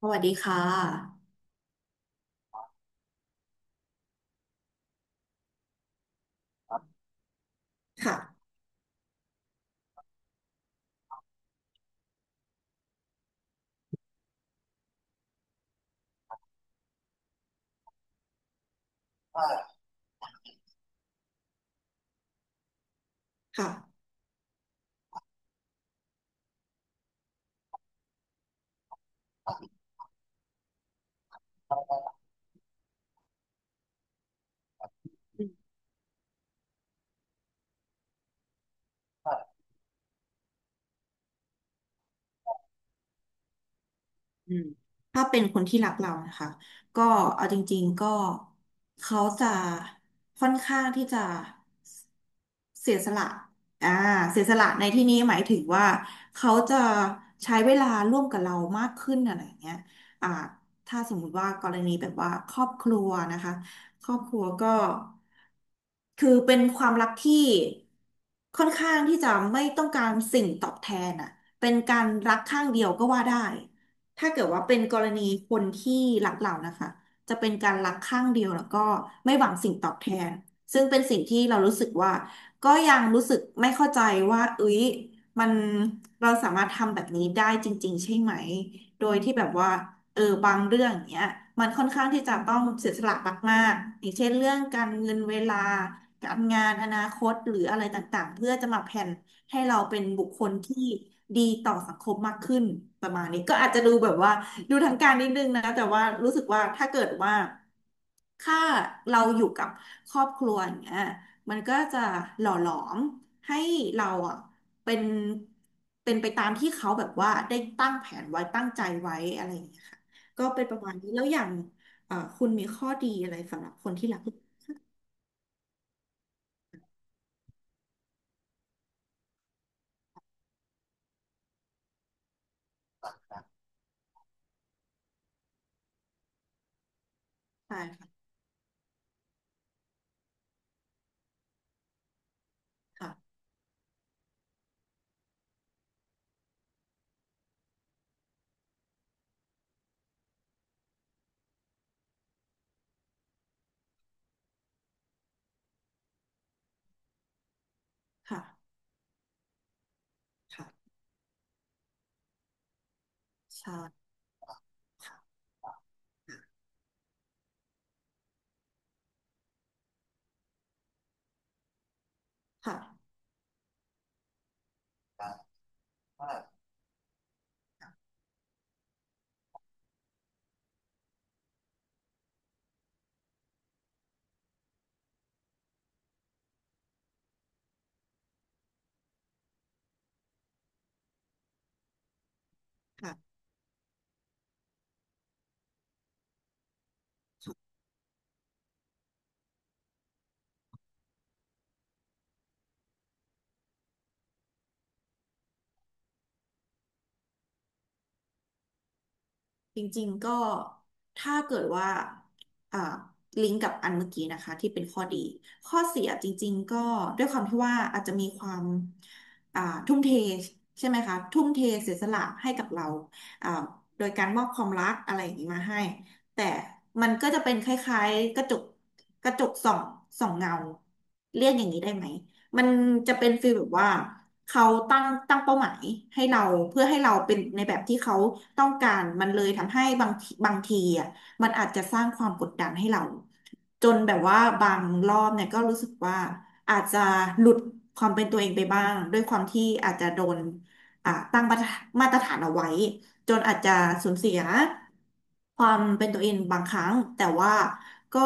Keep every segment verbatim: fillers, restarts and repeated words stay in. สวัสดีค่ะค่ะค่ะอืมอืมถ้าเป็นคนที่รักเรานะคะก็เอาจริงๆก็เขาจะค่อนข้างที่จะ เสียสละอ่าเสียสละในที่นี้หมายถึงว่าเขาจะใช้เวลาร่วมกับเรามากขึ้นอะไรอย่างเงี้ยอ่าถ้าสมมุติว่ากรณีแบบว่าครอบครัวนะคะครอบครัวก็คือเป็นความรักที่ค่อนข้างที่จะไม่ต้องการสิ่งตอบแทนอ่ะเป็นการรักข้างเดียวก็ว่าได้ถ้าเกิดว่าเป็นกรณีคนที่รักเรานะคะจะเป็นการรักข้างเดียวแล้วก็ไม่หวังสิ่งตอบแทน ซึ่งเป็นสิ่งที่เรารู้สึกว่า ก็ยังรู้สึกไม่เข้าใจว่าเอ้ยมันเราสามารถทำแบบนี้ได้จริงๆใช่ไหมโดยที่แบบว่าเออบางเรื่องเนี้ยมันค่อนข้างที่จะต้องเสียสละมากๆอย่างเช่นเรื่องการเงินเวลาการงานอนาคตหรืออะไรต่างๆเพื่อจะมาแผนให้เราเป็นบุคคลที่ดีต่อสังคมมากขึ้นประมาณนี้ก็อาจจะดูแบบว่าดูทางการนิดนึงนะแต่ว่ารู้สึกว่าถ้าเกิดว่าถ้าเราอยู่กับครอบครัวอย่างเงี้ย มันก็จะหล่อหลอมให้เราอ่ะเป็นเป็นไปตามที่เขาแบบว่าได้ตั้งแผนไว้ตั้งใจไว้อะไรอย่างเงี้ยค่ะก็เป็นประมาณนี้แล้วอย่างเอ่อคุณมีข้อดีอะไรสำหรับคนที่รักลูกชายค่ะค่ะค่ะค่ะใช่ค่ะค่ะ จริงๆก็ถ้าเกิดว่าอ่าลิงก์กับอันเมื่อกี้นะคะที่เป็นข้อดีข้อเสียจริงๆก็ด้วยความที่ว่าอาจจะมีความอ่าทุ่มเทใช่ไหมคะทุ่มเทเสียสละให้กับเราอ่าโดยการมอบความรักอะไรอย่างนี้มาให้แต่มันก็จะเป็นคล้ายๆกระจกกระจกส่องส่องเงาเรียกอย่างนี้ได้ไหม มันจะเป็นฟีลแบบว่าเขาตั้งตั้งเป้าหมายให้เราเพื่อให้เราเป็นในแบบที่เขาต้องการมันเลยทำให้บางทีบางทีอ่ะมันอาจจะสร้างความกดดันให้เราจนแบบว่าบางรอบเนี่ยก็รู้สึกว่าอาจจะหลุดความเป็นตัวเองไปบ้างด้วยความที่อาจจะโดนอ่าตั้งมาตรฐานมาตรฐานเอาไว้ จนอาจจะสูญเสียความเป็นตัวเองบางครั้งแต่ว่าก็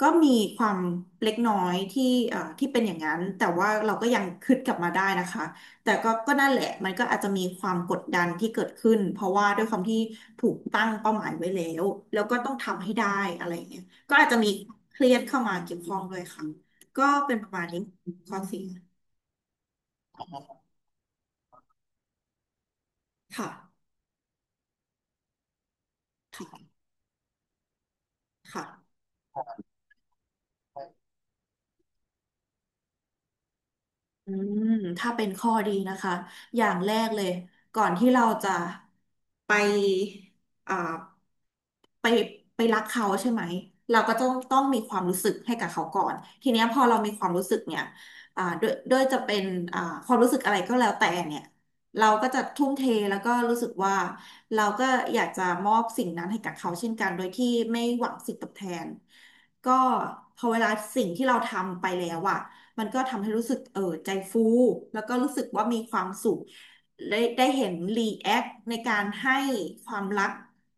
ก็มีความเล็กน้อยที่เอ่อที่เป็นอย่างนั้นแต่ว่าเราก็ยังคืดกลับมาได้นะคะแต่ก็ก็นั่นแหละมันก็อาจจะมีความกดดันที่เกิดขึ้นเพราะว่าด้วยความที่ถูกตั้งเป้าหมายไว้แล้วแล้วก็ต้องทำให้ได้อะไรอย่างเงี้ยก็อาจจะมีเครียดเข้ามาเกี่ยวข้องด้วยค่ะก็เป็นประมาณนี้ข้อสี่ค่ะค่ะค่ะ อืมถ้าเป็นข้อดีนะคะอย่างแรกเลยก่อนที่เราจะไปอ่าไปไปรักเขาใช่ไหมเราก็ต้องต้องมีความรู้สึกให้กับเขาก่อนทีเนี้ยพอเรามีความรู้สึกเนี่ยอ่าด้วยด้วยจะเป็นอ่าความรู้สึกอะไรก็แล้วแต่เนี่ยเราก็จะทุ่มเทแล้วก็รู้สึกว่าเราก็อยากจะมอบสิ่งนั้นให้กับเขาเช่นกันโดยที่ไม่หวังสิ่งตอบแทนก็พอเวลาสิ่งที่เราทำไปแล้วอะ มันก็ทำให้รู้สึกเออใจฟู แล้วก็รู้สึกว่ามีความสุข ได้ได้เห็นรีแอคในการให้ความรัก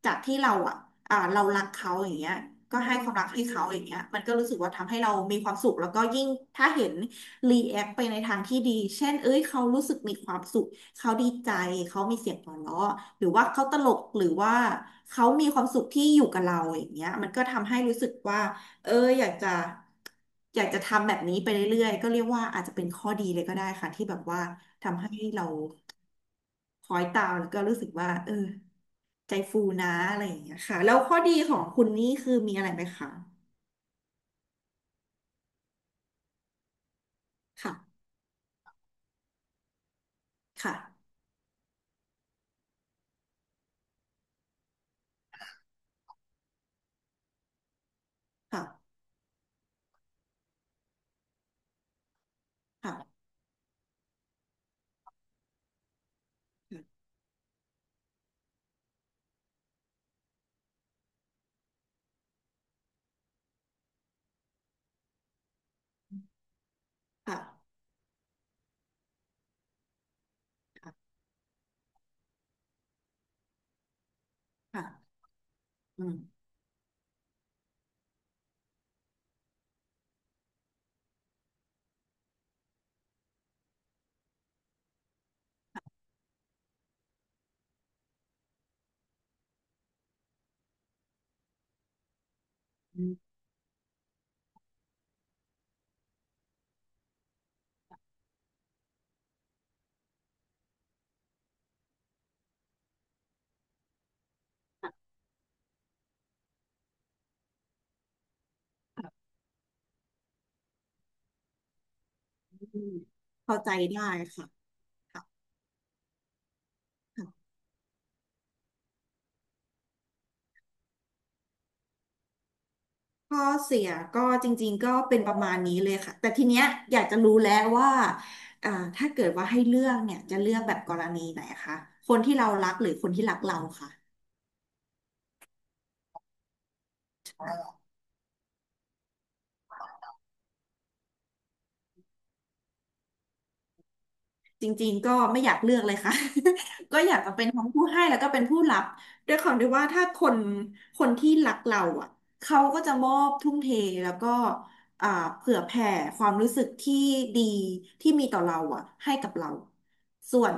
จากที่เราอ่ะอ่าเรารักเขาอย่างเงี้ยก็ให้ความรักให้เขาอย่างเงี้ยมันก็รู้สึกว่าทำให้เรามีความสุขแล้วก็ยิ่ง ถ้าเห็นรีแอคไปในทางที่ดี เช่นเอ้ยเขารู้สึกมีความสุข เขาดีใจ เขามีเสียงหัวเราะหรือว่าเขาตลกหรือว่าเขามีความสุขที่อยู่กับเราอย่างเงี้ยมันก็ทำให้รู้สึกว่า เอออยากจะอยากจะทำแบบนี้ไปเรื่อยๆก็เรียกว่าอาจจะเป็นข้อดีเลยก็ได้ค่ะที่แบบว่าทำให้เราคอยตามแล้วก็รู้สึกว่าเออใจฟูนะอะไรอย่างเงี้ยค่ะแล้วข้อดีของคุณนี่คือมีอะไรไหมคะค่ะค่ะค่ะค่ะค่ะค่ะค่ะอืมอืมค่ะอืมเข้าใจได้ค่ะค่ะ ข้อเสียก็จริงๆก็เป็นประมาณนี้เลยค่ะแต่ทีเนี้ยอยากจะรู้แล้วว่าอ่าถ้าเกิดว่าให้เลือกเนี่ยจะเลือกแบบกรณีไหนคะคนที่เรารักหรือคนที่รักเราค่ะ จริงๆก็ไม่อยากเลือกเลยค่ะ ก็อยากจะเป็นทั้งผู้ให้แล้วก็เป็นผู้รับด้วยความที่ว่าถ้าคนคนที่รักเราอ่ะเขาก็จะมอบทุ่มเทแล้วก็อ่าเผื่อแผ่ความรู้สึกที่ดีที่มีต่อเราอ่ะให้กับเราส่วน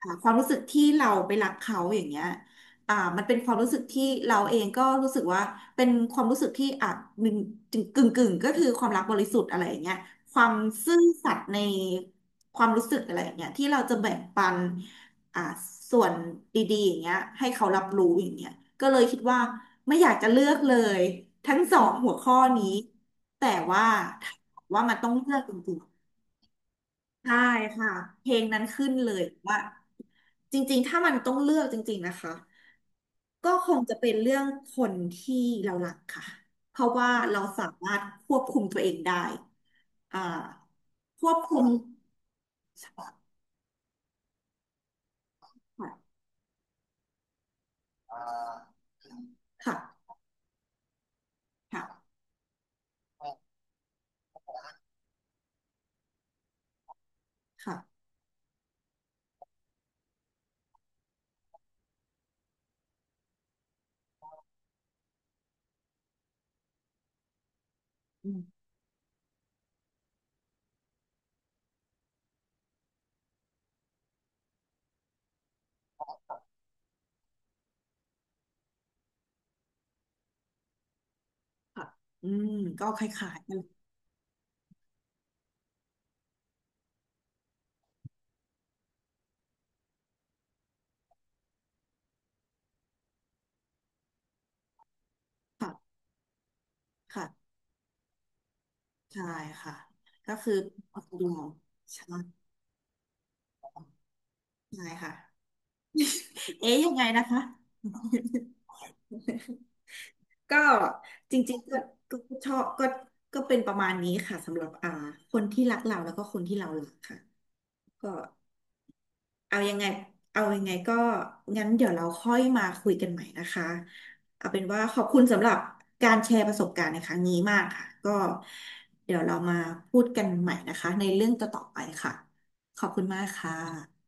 อ่าความรู้สึกที่เราไปรักเขาอย่างเงี้ยอ่ามันเป็นความรู้สึกที่เราเองก็รู้สึกว่าเป็นความรู้สึกที่อาจึกึ่งกึ่งๆก็คือความรักบริสุทธิ์อะไรอย่างเงี้ย ความซื่อสัตย์ในความรู้สึกอะไรอย่างเงี้ยที่เราจะแบ่งปันอ่าส่วนดีๆอย่างเงี้ยให้เขารับรู้อย่างเงี้ยก็เลยคิดว่าไม่อยากจะเลือกเลยทั้งสองหัวข้อนี้แต่ว่าถ้าบอกว่ามันต้องเลือกจริงๆใช่ค่ะเพลงนั้นขึ้นเลยว่าจริงๆถ้ามันต้องเลือกจริงๆนะคะ ก็คงจะเป็นเรื่องคนที่เรารักค่ะเพราะว่าเราสามารถควบคุมตัวเองได้อ่าควบคุมค่ะค่ะค่ะค่ะอืมค่ะอืมก็คล้ายๆกันค่ะค่ะใช่ค่ะก็คือเอาตัวเราใช่ใช่ค่ะเอ๊ยยังไงนะคะ ก็จริงๆก็ก็ชอบก็ก็เป็นประมาณนี้ค่ะสำหรับอ่าคนที่รักเราแล้วก็คนที่เรารักค่ะก็ เอายังไงเอายังไงก็งั้นเดี๋ยวเราค่อยมาคุยกันใหม่นะคะ เอาเป็นว่าขอบคุณสำหรับการแชร์ประสบการณ์ในครั้งนี้มากค่ะ ก็เดี๋ยวเรามาพูดกันใหม่นะคะในเรื่องต่อๆไปค่ะ ขอบคุณมากค่ะ